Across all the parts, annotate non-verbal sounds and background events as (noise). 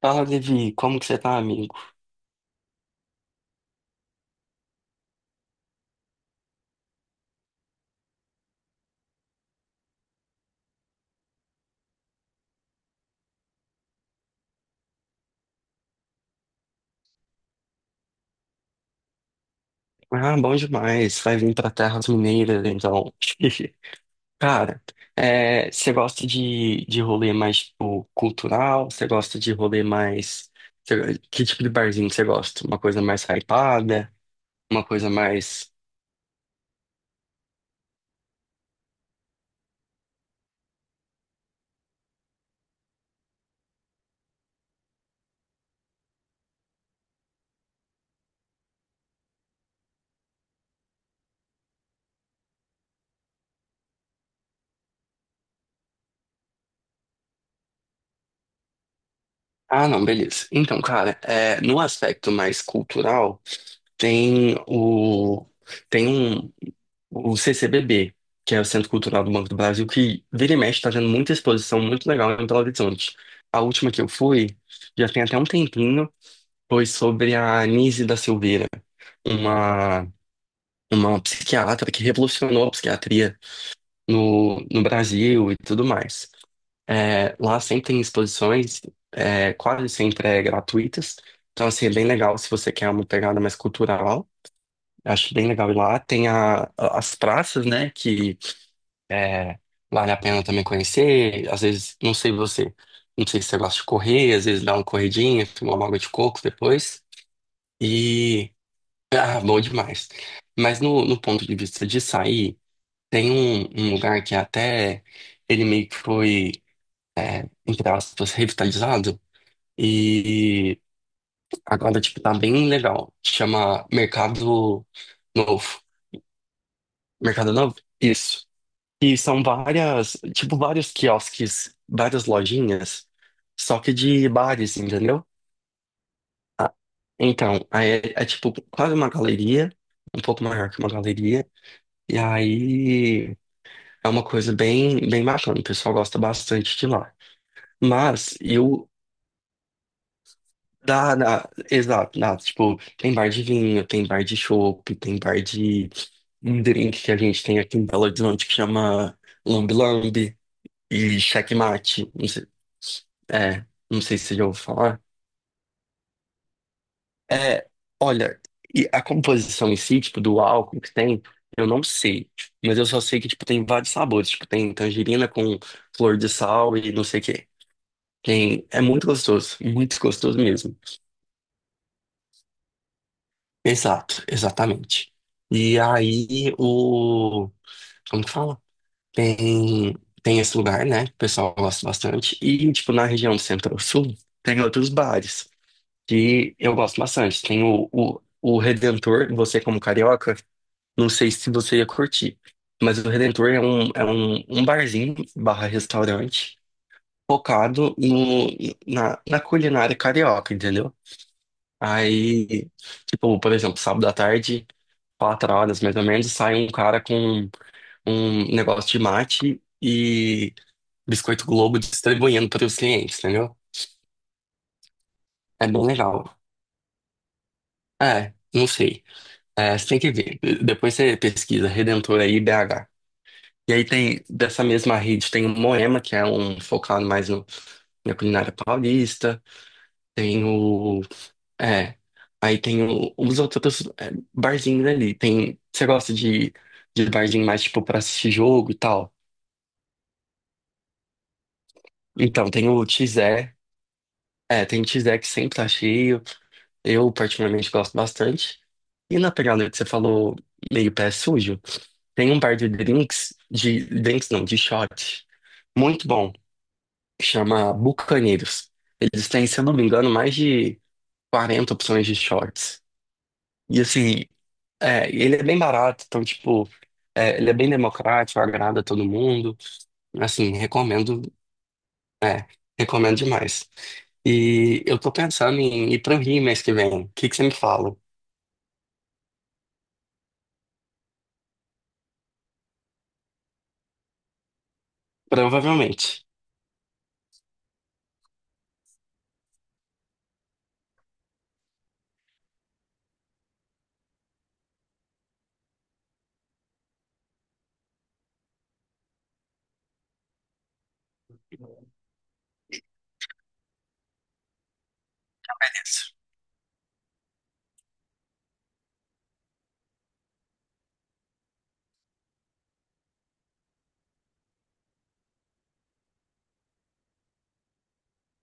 Fala, Levi, como que você tá, amigo? Ah, bom demais. Vai vir pra Terras Mineiras, então. (laughs) Cara, é, você gosta de rolê mais, tipo, cultural? Você gosta de rolê mais. Que tipo de barzinho que você gosta? Uma coisa mais hypada? Uma coisa mais. Ah, não, beleza. Então, cara, é, no aspecto mais cultural, tem o... Tem um. O CCBB, que é o Centro Cultural do Banco do Brasil, que vira e mexe está tendo muita exposição muito legal em Belo Horizonte. A última que eu fui, já tem até um tempinho, foi sobre a Anísia da Silveira, uma, uma psiquiatra que revolucionou a psiquiatria no Brasil e tudo mais. É, lá sempre tem exposições, é, quase sempre é gratuitas, então assim, é bem legal se você quer uma pegada mais cultural. Acho bem legal ir lá. Tem as praças, né, que é, vale a pena também conhecer. Às vezes, não sei você, não sei se você gosta de correr, às vezes dá uma corridinha, tomar uma água de coco depois. E. Ah, bom demais. Mas no ponto de vista de sair, tem um lugar que até ele meio que foi, entre aspas, revitalizado. E agora, tipo, tá bem legal. Chama Mercado Novo. Mercado Novo? Isso. E são várias, tipo, vários quiosques, várias lojinhas, só que de bares, entendeu? Ah, então, aí é tipo quase uma galeria, um pouco maior que uma galeria, e aí é uma coisa bem, bem bacana, o pessoal gosta bastante de lá. Mas eu, exato, da, tipo, tem bar de vinho, tem bar de chopp, tem bar de um drink que a gente tem aqui em Belo Horizonte que chama Lambi Lambi e Checkmate. É, não sei se você já ouviu falar. É, olha, e a composição em si, tipo, do álcool que tem, eu não sei, tipo. Mas eu só sei que, tipo, tem vários sabores. Tipo, tem tangerina com flor de sal e não sei o quê. Tem, é muito gostoso mesmo. Exato, exatamente. E aí, como que fala? Tem, tem esse lugar, né, que o pessoal gosta bastante. E, tipo, na região do Centro-Sul, tem outros bares que eu gosto bastante. Tem o Redentor. Você, como carioca, não sei se você ia curtir, mas o Redentor é um barzinho barra restaurante focado no, na culinária carioca, entendeu? Aí, tipo, por exemplo, sábado à tarde, 4 horas mais ou menos, sai um cara com um negócio de mate e biscoito Globo distribuindo para os clientes, entendeu? É bem legal. É, não sei. É, você tem que ver. Depois você pesquisa Redentor aí, BH. E aí tem, dessa mesma rede, tem o Moema, que é um focado mais no, na culinária paulista. Tem o... É. Aí tem os outros, é, barzinhos ali. Você gosta de barzinho mais, tipo, pra assistir jogo e tal? Então, tem o Tizé. É, tem o Tizé que sempre tá cheio. Eu, particularmente, gosto bastante. E na pegada que você falou, meio pé sujo, tem um par de drinks não, de shot, muito bom, que chama Bucaneiros. Eles têm, se eu não me engano, mais de 40 opções de shots. E assim, é, ele é bem barato, então, tipo, é, ele é bem democrático, agrada a todo mundo. Assim, recomendo, recomendo demais. E eu tô pensando em ir pro Rio mês que vem. O que que você me fala? Provavelmente.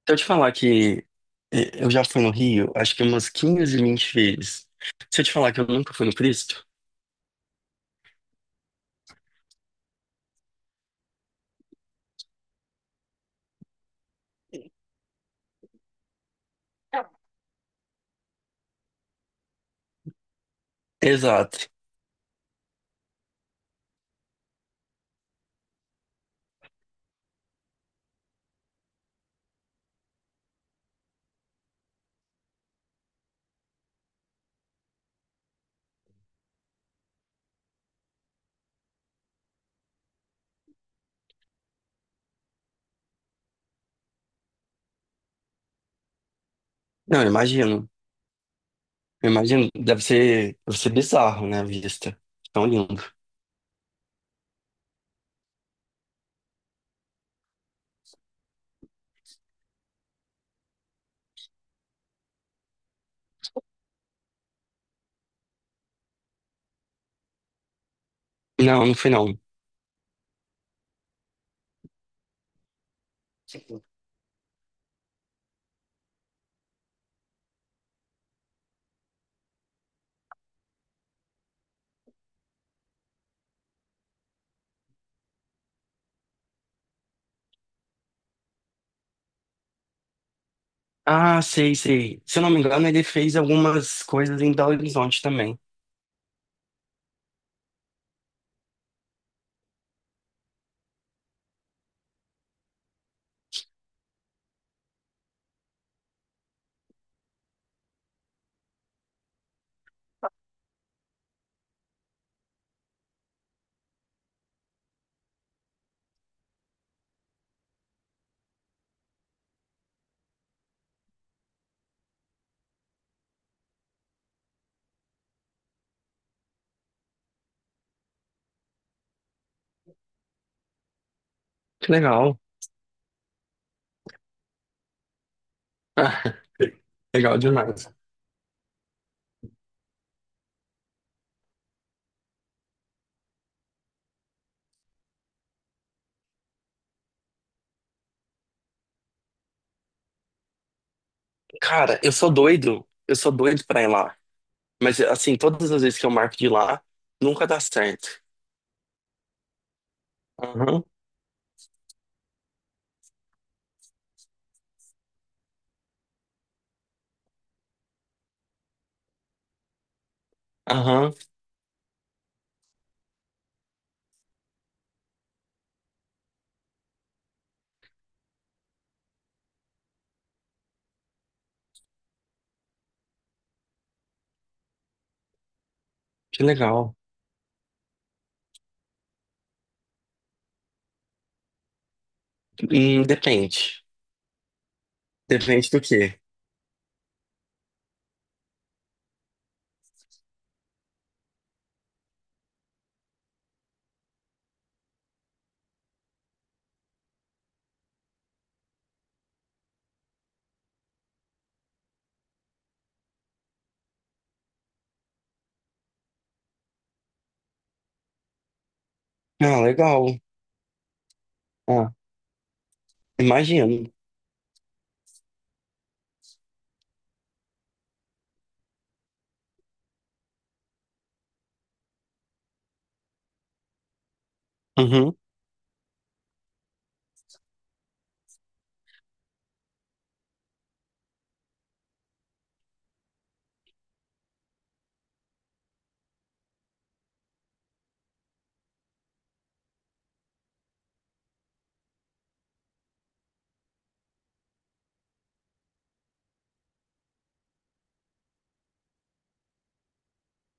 Se eu te falar que eu já fui no Rio, acho que umas 15 20 vezes. Se eu te falar que eu nunca fui no Cristo? Exato. Não, eu imagino. Eu imagino. Deve ser bizarro, né, a vista. Tão lindo. Não, não fui não. Ah, sei, sei. Se eu não me engano, ele fez algumas coisas em Belo Horizonte também. Que legal. (laughs) Legal demais. Cara, eu sou doido. Eu sou doido pra ir lá. Mas, assim, todas as vezes que eu marco de ir lá, nunca dá certo. Aham, aham. Que legal. Depende. Depende do quê? Ah, legal. Ah, imagino. Uhum.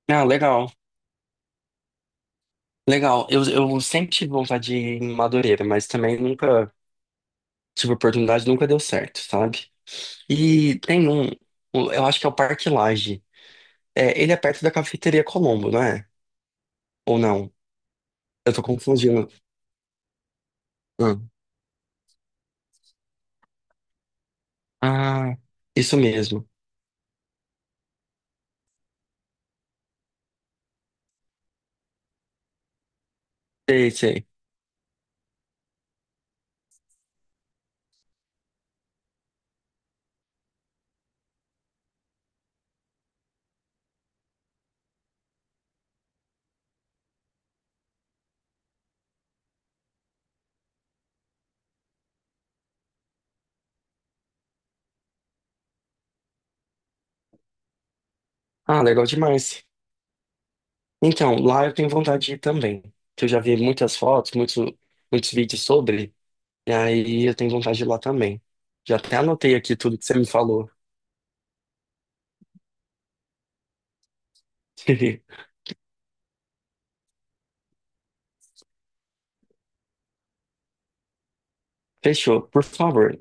Ah, legal. Legal. Eu sempre tive vontade de ir em Madureira, mas também nunca tive oportunidade, nunca deu certo, sabe? E tem um, eu acho que é o Parque Lage. É, ele é perto da Cafeteria Colombo, não é? Ou não? Eu tô confundindo. Ah, Ah, isso mesmo. Sei, sei. Ah, legal demais. Então, lá eu tenho vontade de ir também. Que eu já vi muitas fotos, muitos, muitos vídeos sobre. E aí eu tenho vontade de ir lá também. Já até anotei aqui tudo que você me falou. (laughs) Fechou. Por favor,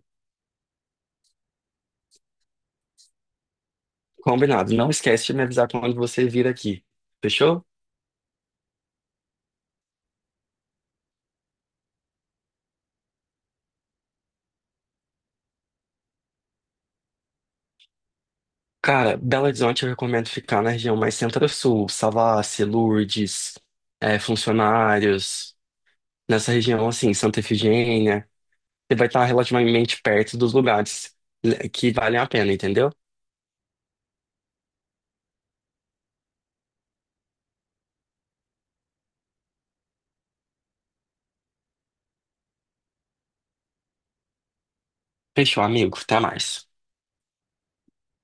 combinado. Não esquece de me avisar quando você vir aqui. Fechou? Cara, Belo Horizonte eu recomendo ficar na região mais centro-sul, Savassi, Lourdes, Funcionários, nessa região assim, Santa Efigênia. Você vai estar relativamente perto dos lugares, né, que valem a pena, entendeu? Fechou, amigo. Até mais.